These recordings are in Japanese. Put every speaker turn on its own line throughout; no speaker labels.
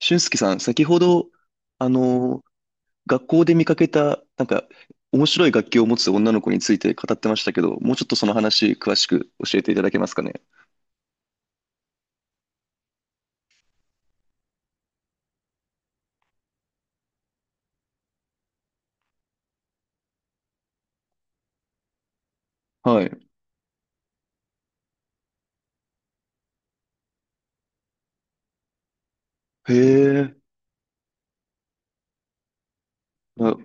俊介さん、先ほど、あの、学校で見かけた、面白い楽器を持つ女の子について語ってましたけど、もうちょっとその話、詳しく教えていただけますかね。はい。へえ、あ、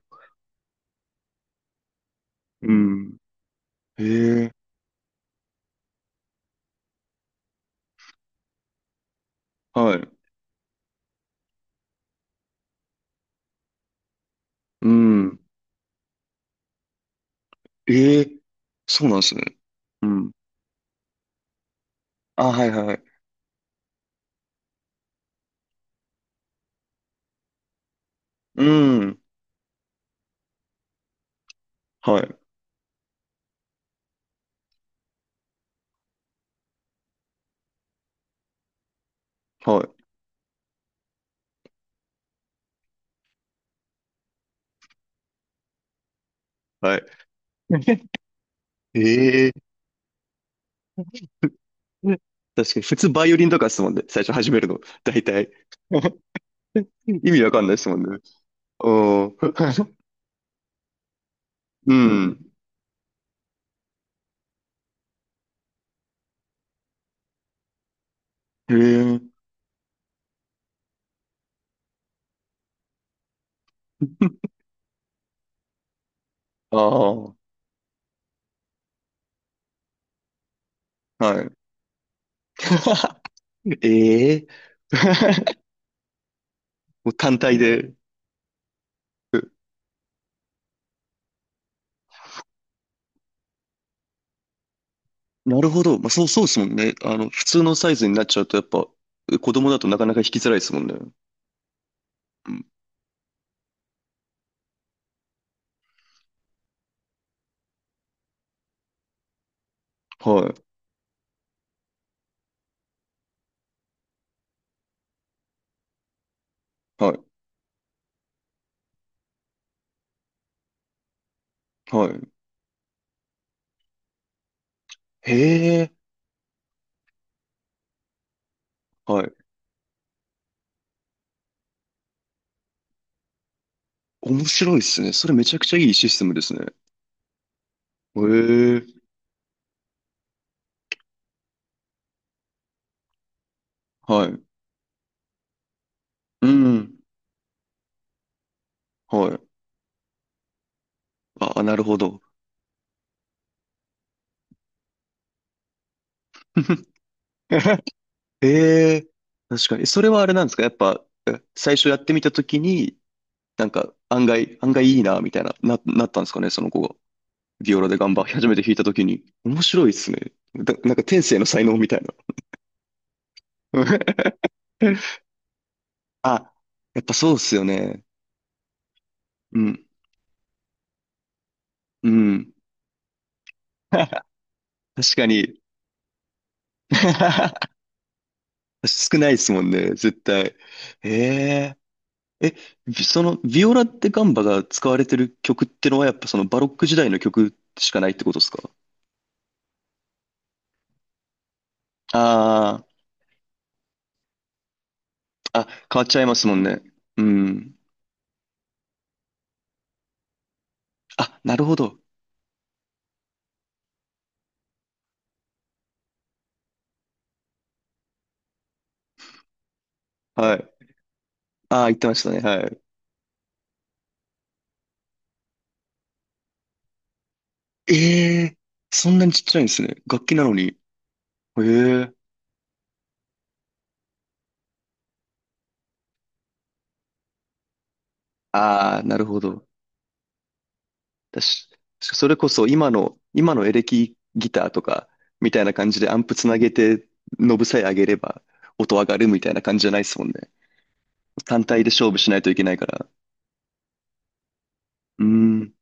うん。へえ、はい。うん。ええ、そうなんですね。うん。あ、はいはいはい。うん。はい。はい。はい。ええ、確かに、普通バイオリンとかですもんね。最初始めるの、大体。意味わかんないですもんね。うん。うん。へえ、ああ、はい。ええ。 もう単体で。なるほど。まあ、そう、そうですもんね。普通のサイズになっちゃうと、やっぱ、子供だとなかなか引きづらいですもんね。うん。はい。はい。はい。へえ。はい。面白いですね。それめちゃくちゃいいシステムですね。へえ。はい。うん。はい。あ、なるほど。ええ。確かに。それはあれなんですか、やっぱ、最初やってみたときに、なんか、案外、案外いいな、みたいな、なったんですかね、その子が。ビオラで頑張り初めて弾いたときに、面白いっすね。だなんか天性の才能みたいな。あ、やっぱそうっすよね。うん、うん。確かに。少ないっすもんね、絶対。えええ、ビその、ビオラでガンバが使われてる曲ってのは、やっぱそのバロック時代の曲しかないってことですか？ああー、あ、変わっちゃいますもんね。うん。あ、なるほど。はい。ああ、言ってましたね。はい。ええ、そんなにちっちゃいんですね。楽器なのに。ええ、ああ、なるほど。だし、それこそ今の、エレキギターとか、みたいな感じでアンプつなげて、ノブさえ上げれば音上がるみたいな感じじゃないですもんね。単体で勝負しないといけないから。うーん、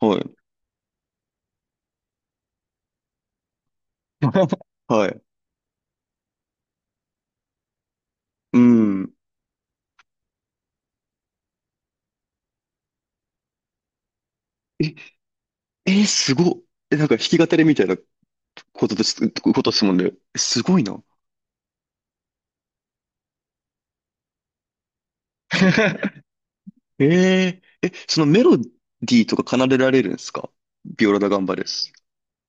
はい。はい。うん。え、え、すごっ。え、なんか弾き語りみたいなことです、ことですもんね。えすごいな。えええ、そのメロディーとか奏でられるんですか？ビオラだガンバです。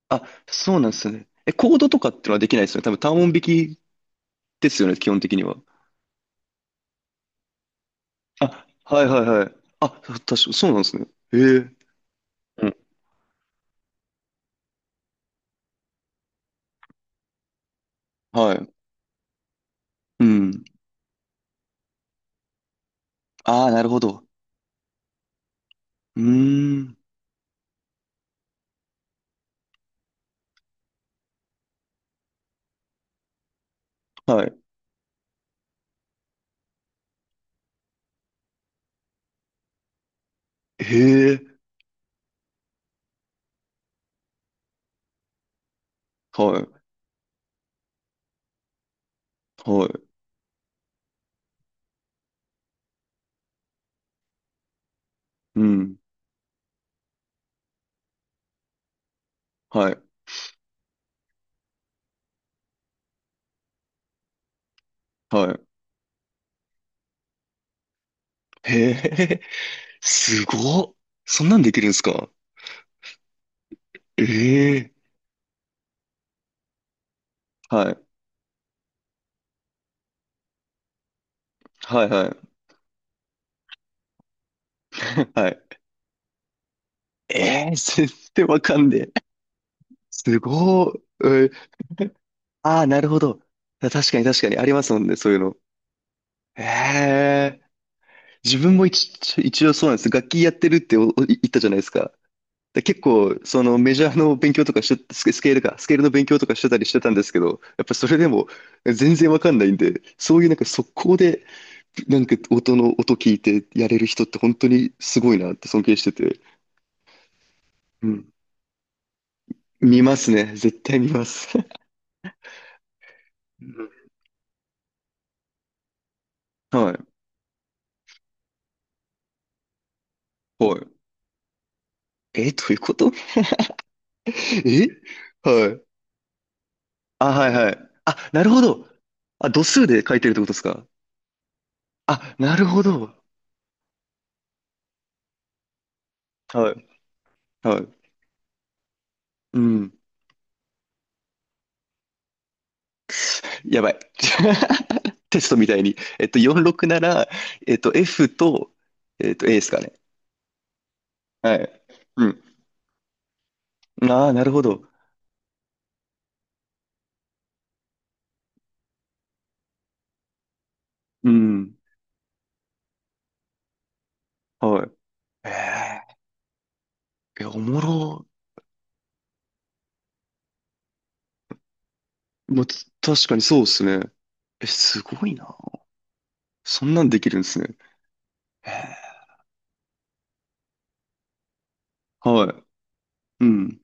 あ、そうなんですね。え、コードとかってのはできないですよね。多分単音弾きですよね、基本的には。あ、はいはいはい。あ、確か、そうなんですね。ええ、うん。はい。うん。ああ、なるほど。うーん。はい。へえ。はい。はい。うん。はい。はい。へえ。すごっ。そんなんできるんですか？ええ、はい。はいはい。はい。え、えー全然わかんねえ。すごい。うんああ、なるほど。た確かに確かにありますもんね、そういうの。ええ自分も一、一応そうなんです。楽器やってるっておお言ったじゃないですか。で、結構、そのメジャーの勉強とかしスケ、スケールか、スケールの勉強とかしてたりしてたんですけど、やっぱそれでも全然わかんないんで、そういうなんか速攻で、なんか音の音聞いてやれる人って本当にすごいなって尊敬してて。うん。見ますね。絶対見ます。うんはい。はい。え、どういうこと？ え、はい。あ、はいはい。あ、なるほど。あ、度数で書いてるってことですか？あ、なるほど。はい。はい。うん。やばい。テストみたいに。46なら、F と、A ですかね。はい。うん。ああ、なるほど。うん。はい。ええ、いや、おもろ。まあ、確かにそうですね。え、すごいな。そんなんできるんですね。えはい。うん。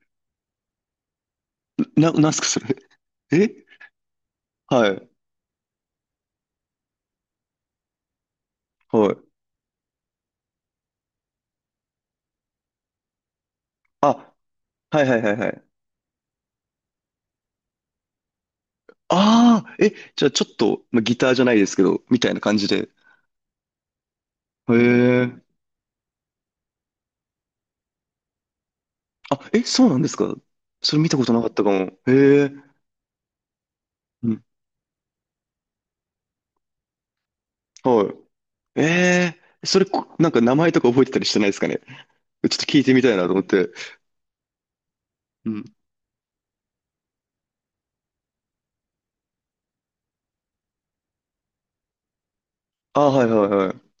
なんすか、それ。え、はい、はい。あ、はいはいはいはい。ああ、え、じゃあちょっと、まあ、ギターじゃないですけど、みたいな感じで。へえ。あ、え、そうなんですか？それ見たことなかったかも。へえ。うん、はい。ええ、それ、なんか名前とか覚えてたりしてないですかね？ちょっと聞いてみたいなと思って。うん。ああ、はいはいはい。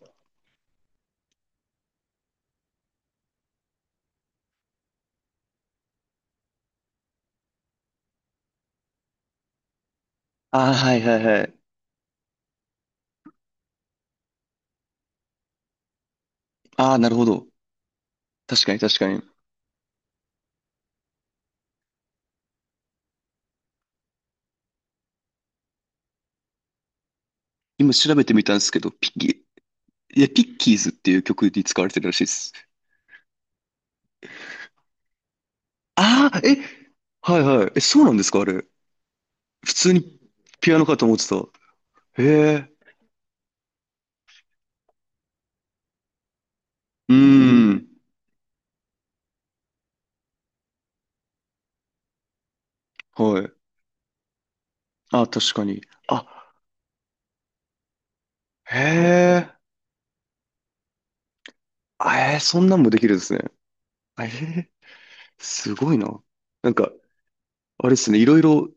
ああ、はいはいはい。ああ、なるほど。確かに確かに。今調べてみたんですけど、ピッキーズっていう曲に使われてるらしいです。ああ、え、はいはい。え、そうなんですか？あれ、普通にピアノかと思ってた。へえ。うーうん。ん。はい。あ、確かに。あ、へえ。あ、そんなんもできるんですね。あえー、すごいな。なんか、あれですね。いろいろ、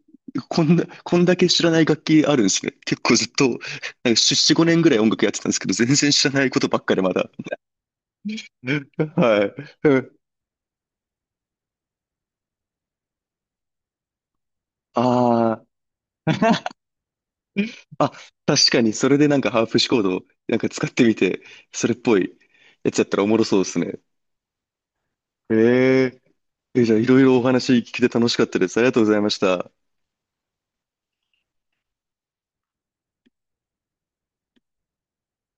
こんだけ知らない楽器あるんですね。結構ずっと、なんか5年ぐらい音楽やってたんですけど、全然知らないことばっかでまだ。はい。ああー。確かに、それでなんかハーフシコードなんか使ってみて、それっぽいやつやったらおもろそうですね。えええ、じゃあいろいろお話聞けて楽しかったです。ありがとうございました。